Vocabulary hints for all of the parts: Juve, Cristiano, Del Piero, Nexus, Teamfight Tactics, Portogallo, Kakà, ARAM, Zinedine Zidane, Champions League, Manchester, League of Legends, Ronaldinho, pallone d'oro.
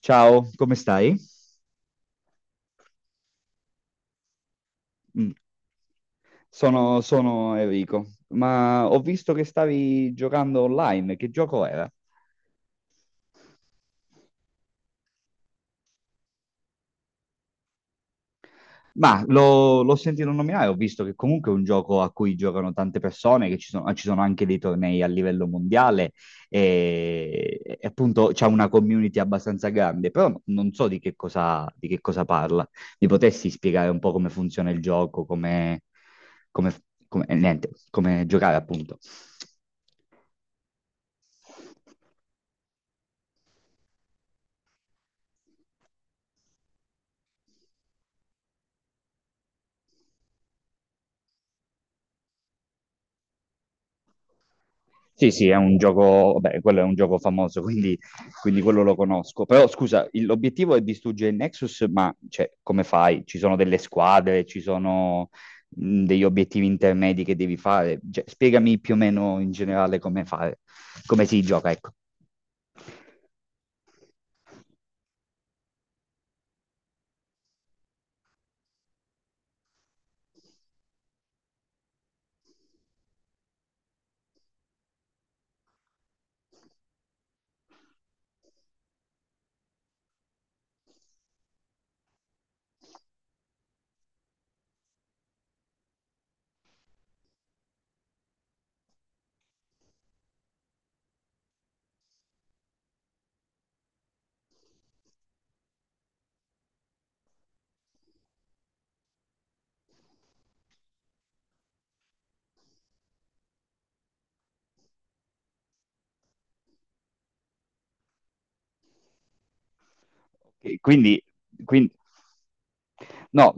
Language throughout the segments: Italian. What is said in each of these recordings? Ciao, come stai? Mm. Sono Enrico, ma ho visto che stavi giocando online, che gioco era? Ma l'ho sentito nominare, ho visto che comunque è un gioco a cui giocano tante persone, che ci sono anche dei tornei a livello mondiale e appunto c'è una community abbastanza grande, però non so di che cosa parla. Mi potessi spiegare un po' come funziona il gioco, come, niente, come giocare appunto. Sì, sì, è un gioco, beh, quello è un gioco famoso, quindi quello lo conosco. Però scusa, l'obiettivo è distruggere il Nexus, ma cioè, come fai? Ci sono delle squadre, ci sono degli obiettivi intermedi che devi fare. Cioè, spiegami più o meno in generale come fare, come si gioca, ecco. E quindi- no,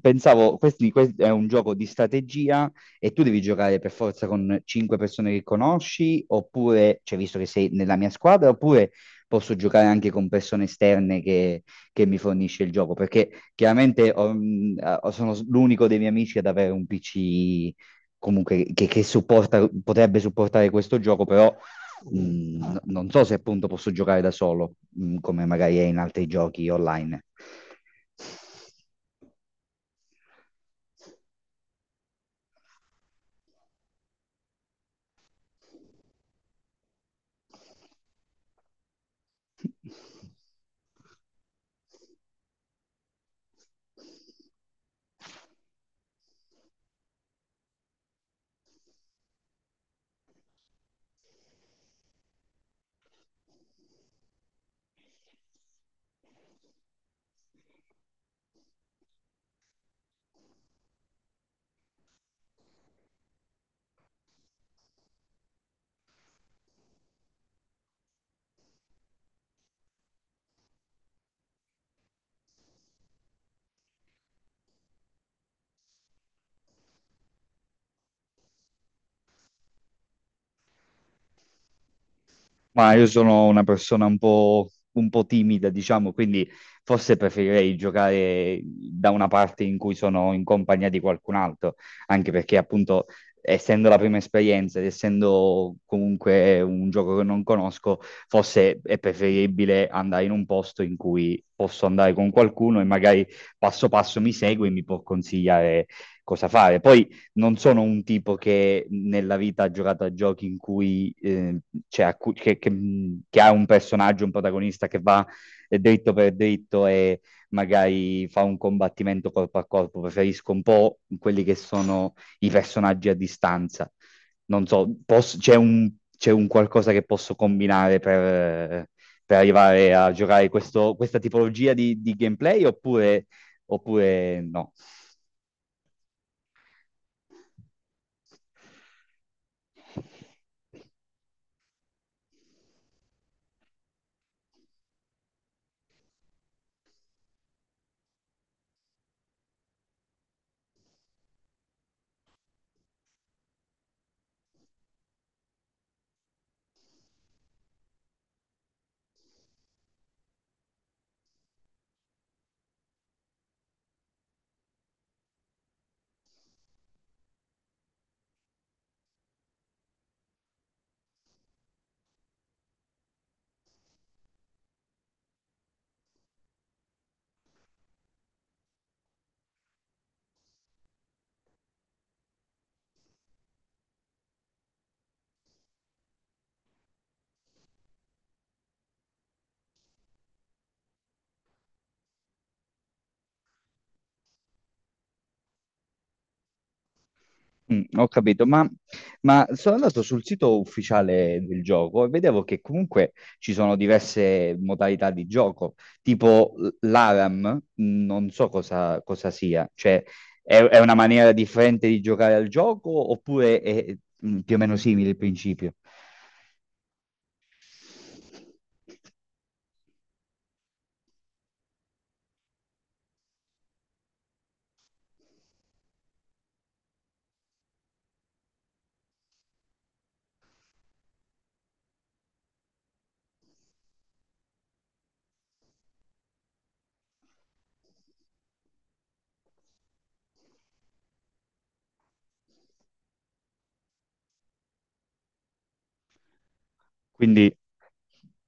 pensavo, questi, questo è un gioco di strategia e tu devi giocare per forza con cinque persone che conosci, oppure, cioè visto che sei nella mia squadra, oppure posso giocare anche con persone esterne che mi fornisce il gioco, perché chiaramente ah, sono l'unico dei miei amici ad avere un PC comunque che supporta, potrebbe supportare questo gioco, però mm, non so se appunto posso giocare da solo, mm, come magari è in altri giochi online. Ma io sono una persona un po' timida, diciamo, quindi forse preferirei giocare da una parte in cui sono in compagnia di qualcun altro, anche perché appunto, essendo la prima esperienza ed essendo comunque un gioco che non conosco, forse è preferibile andare in un posto in cui posso andare con qualcuno e magari passo passo mi segue e mi può consigliare cosa fare. Poi non sono un tipo che nella vita ha giocato a giochi in cui cioè, a cui- che- mm, che ha un personaggio, un protagonista che va dritto per dritto e magari fa un combattimento corpo a corpo. Preferisco un po' quelli che sono i personaggi a distanza. Non so, c'è un qualcosa che posso combinare per arrivare a giocare questa tipologia di gameplay oppure, oppure no? Mm, ho capito, ma sono andato sul sito ufficiale del gioco e vedevo che comunque ci sono diverse modalità di gioco, tipo l'ARAM, mm, non so cosa sia, cioè è una maniera differente di giocare al gioco oppure è mm, più o meno simile il principio? Quindi,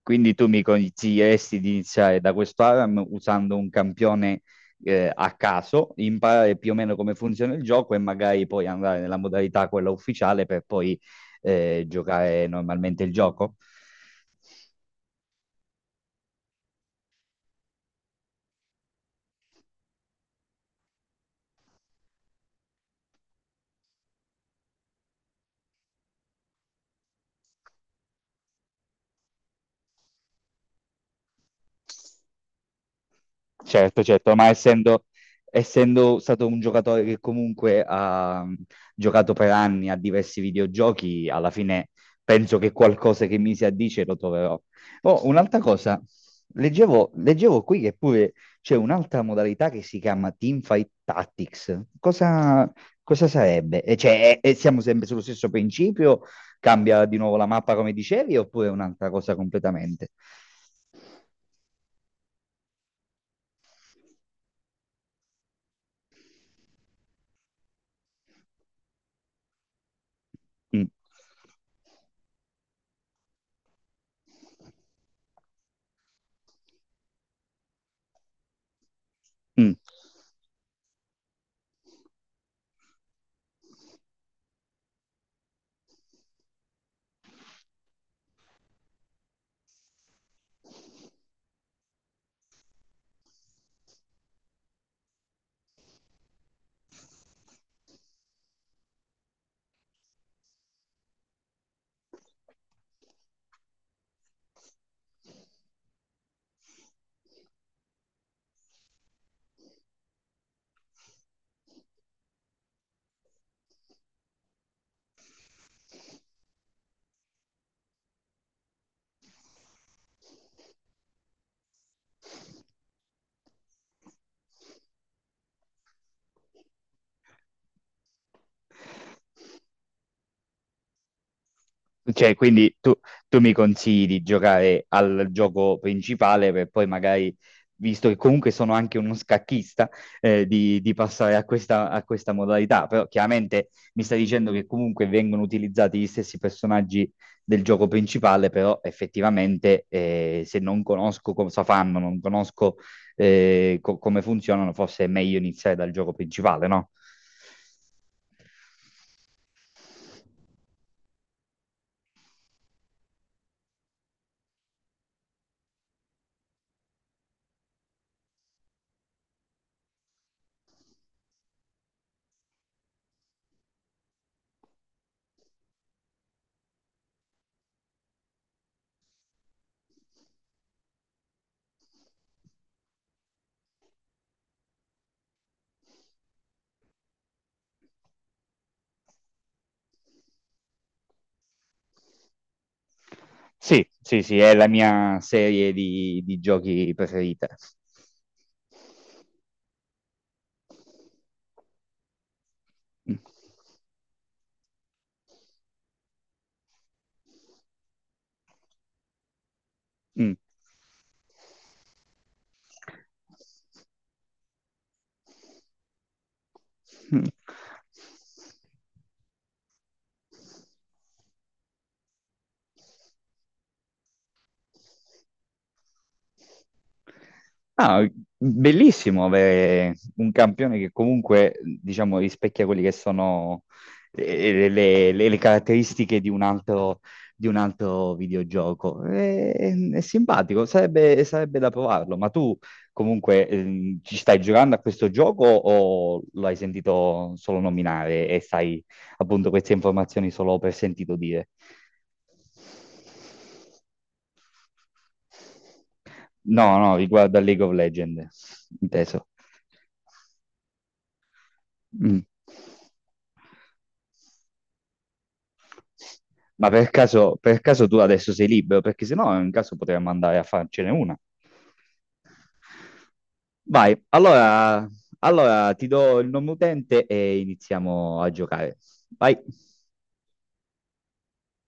quindi tu mi consiglieresti di iniziare da questo ARAM usando un campione a caso, imparare più o meno come funziona il gioco e magari poi andare nella modalità quella ufficiale per poi giocare normalmente il gioco? Certo, certo, essendo stato un giocatore che comunque ha mm, giocato per anni a diversi videogiochi, alla fine penso che qualcosa che mi si addice lo troverò. Oh, un'altra cosa, leggevo qui che pure c'è un'altra modalità che si chiama Teamfight Tactics. Cosa sarebbe? E cioè, e siamo sempre sullo stesso principio? Cambia di nuovo la mappa come dicevi, oppure è un'altra cosa completamente? Mm. Mm. Cioè, tu mi consigli di giocare al gioco principale per poi magari, visto che comunque sono anche uno scacchista, di passare a a questa modalità. Però chiaramente mi stai dicendo che comunque vengono utilizzati gli stessi personaggi del gioco principale, però effettivamente se non conosco cosa fanno, non conosco come funzionano, forse è meglio iniziare dal gioco principale, no? Sì, sì, sì, è la mia serie di giochi preferita. Mm. Mm. Mm. Ah, bellissimo avere un campione che comunque, diciamo, rispecchia quelle che sono le caratteristiche di un altro videogioco. È simpatico, sarebbe da provarlo. Ma tu comunque ci stai giocando a questo gioco o lo hai sentito solo nominare e sai appunto queste informazioni solo per sentito dire? No, no, riguarda League of Legends, inteso. Mm. Per caso tu adesso sei libero? Perché se no, in caso potremmo andare a farcene una. Vai, allora ti do il nome utente e iniziamo a giocare. Vai.